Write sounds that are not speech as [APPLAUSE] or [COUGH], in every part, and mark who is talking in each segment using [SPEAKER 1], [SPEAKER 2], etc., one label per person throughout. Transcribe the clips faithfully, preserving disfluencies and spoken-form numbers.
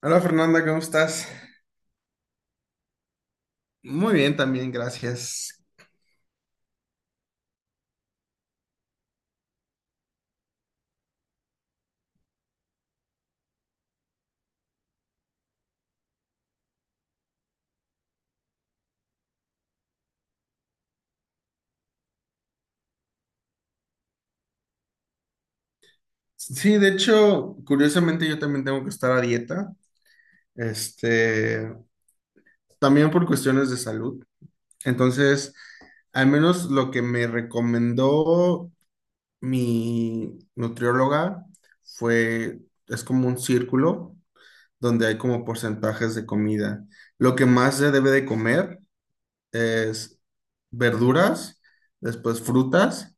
[SPEAKER 1] Hola Fernanda, ¿cómo estás? Muy bien también, gracias. Sí, de hecho, curiosamente yo también tengo que estar a dieta, este, también por cuestiones de salud. Entonces, al menos lo que me recomendó mi nutrióloga fue, es como un círculo donde hay como porcentajes de comida. Lo que más se debe de comer es verduras, después frutas.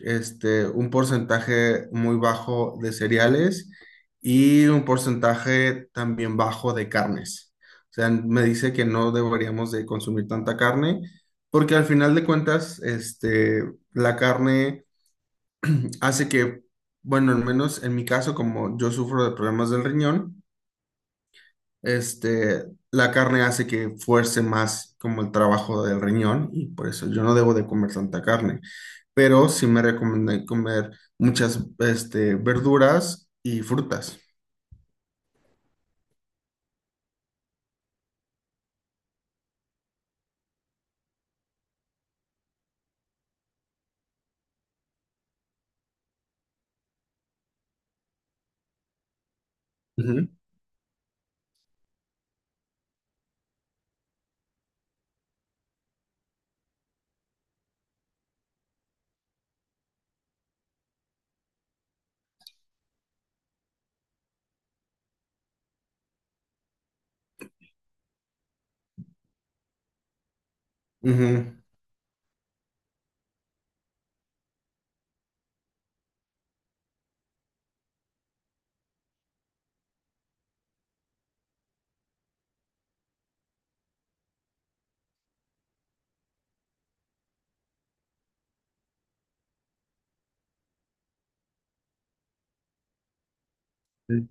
[SPEAKER 1] este, Un porcentaje muy bajo de cereales y un porcentaje también bajo de carnes. O sea, me dice que no deberíamos de consumir tanta carne porque al final de cuentas, este, la carne hace que, bueno, al menos en mi caso, como yo sufro de problemas del riñón, este, la carne hace que fuerce más como el trabajo del riñón y por eso yo no debo de comer tanta carne, pero sí me recomienda comer muchas, este, verduras y frutas. Ujú. Ujú. Sí.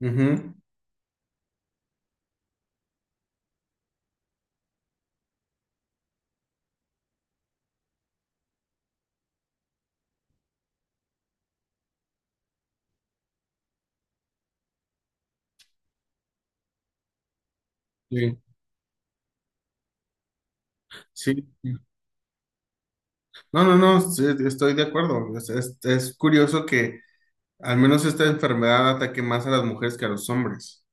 [SPEAKER 1] Ujú. Sí. Sí, no, no, no, sí, estoy de acuerdo. Es, es- es curioso que al menos esta enfermedad ataque más a las mujeres que a los hombres.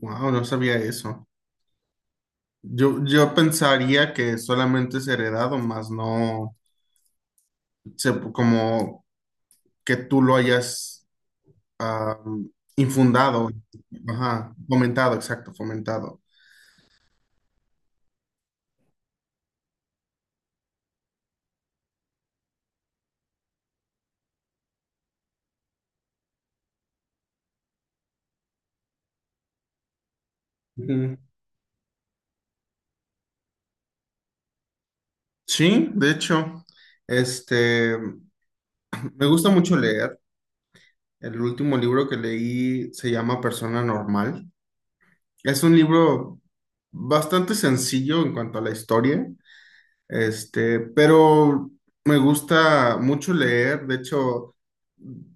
[SPEAKER 1] Wow, no sabía eso. Yo, yo pensaría que solamente es heredado, más no se- como que tú lo hayas ah, infundado, ajá, fomentado, exacto, fomentado. Ujú. Sí, de hecho, este, me gusta mucho leer. El último libro que leí se llama Persona Normal. Es un libro bastante sencillo en cuanto a la historia, este, pero me gusta mucho leer. De hecho,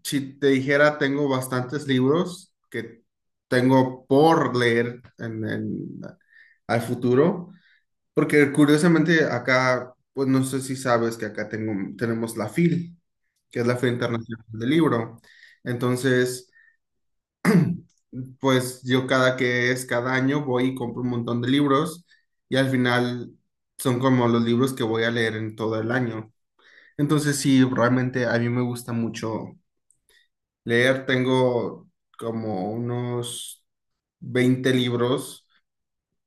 [SPEAKER 1] si te dijera, tengo bastantes libros que tengo por leer en, en- al futuro, porque curiosamente acá, pues no sé si sabes que acá tengo, tenemos la F I L, que es la Feria Internacional del Libro. Entonces, pues yo cada que es cada año voy y compro un montón de libros y al final son como los libros que voy a leer en todo el año. Entonces sí, realmente a mí me gusta mucho leer. Tengo como unos veinte libros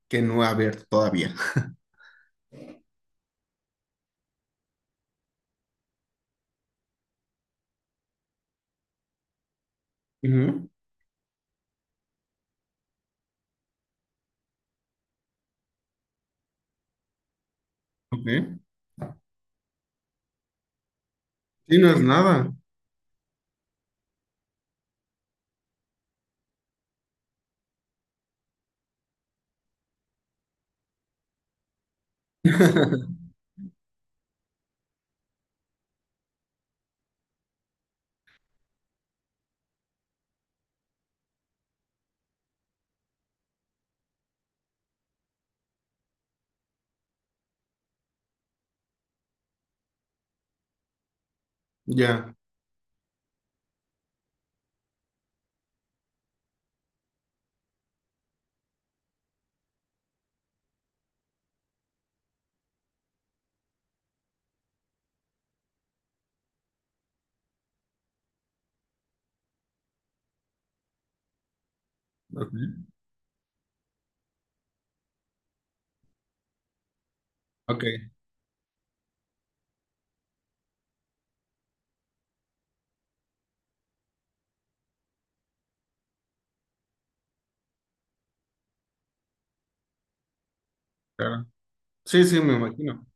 [SPEAKER 1] que no he abierto todavía. Ujú, ok. Sí, no es nada. [LAUGHS] Ya, ok, ok, claro. Sí, sí, me imagino.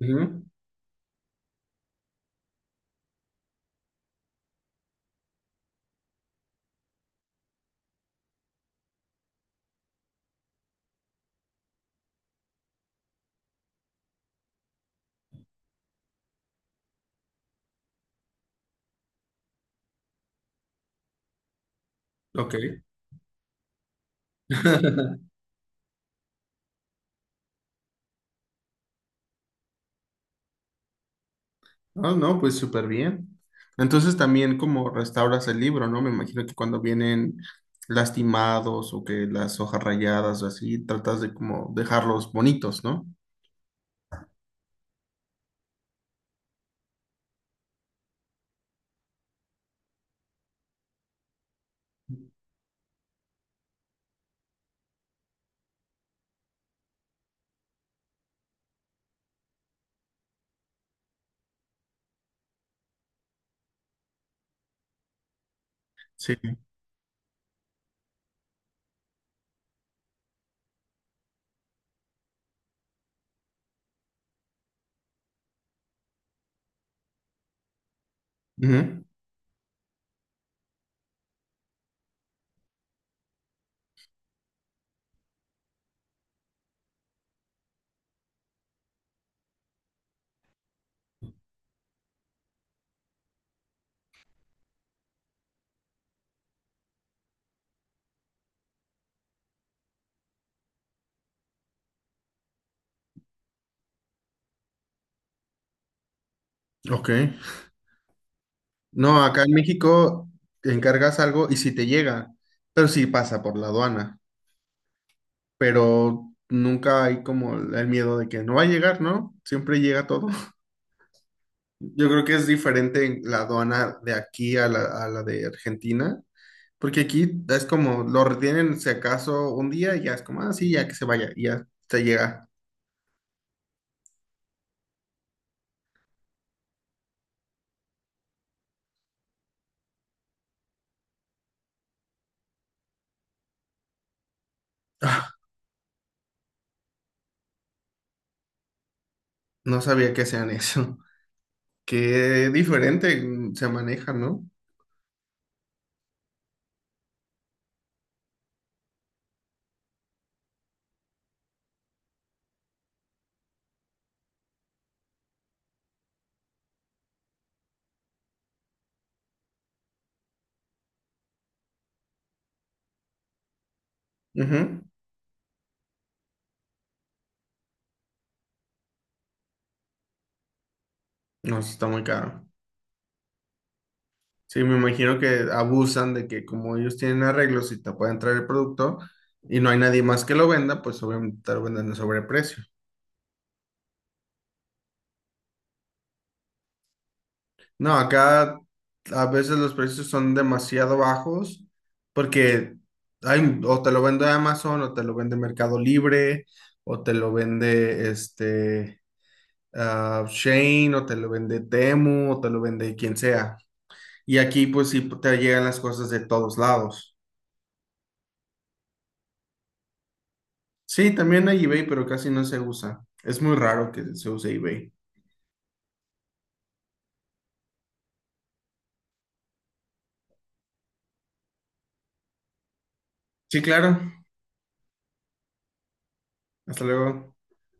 [SPEAKER 1] Ujú, ok. [LAUGHS] No, no, pues súper bien. Entonces también como restauras el libro, ¿no? Me imagino que cuando vienen lastimados o que las hojas rayadas o así, tratas de como dejarlos bonitos, ¿no? Sí. Ujú, ok. No, acá en México te encargas algo y si te llega, pero sí pasa por la aduana, pero nunca hay como el miedo de que no va a llegar, ¿no? Siempre llega todo. Yo creo que es diferente en la aduana de aquí a la, a la de Argentina. Porque aquí es como, lo retienen si acaso un día y ya es como, ah, sí, ya que se vaya, y ya se llega. Ah, no sabía que sean eso. [LAUGHS] Qué diferente mm, se maneja, ¿no? Ujú. No, sí está muy caro. Sí, me imagino que abusan de que como ellos tienen arreglos y te pueden traer el producto y no hay nadie más que lo venda, pues obviamente te lo venden a sobreprecio. No, acá a veces los precios son demasiado bajos porque hay, o te lo vende Amazon o te lo vende Mercado Libre o te lo vende este ah, Shein o te lo vende Temu o te lo vende quien sea. Y aquí pues sí te llegan las cosas de todos lados. Sí, también hay eBay, pero casi no se usa. Es muy raro que se use eBay. Sí, claro. Hasta luego.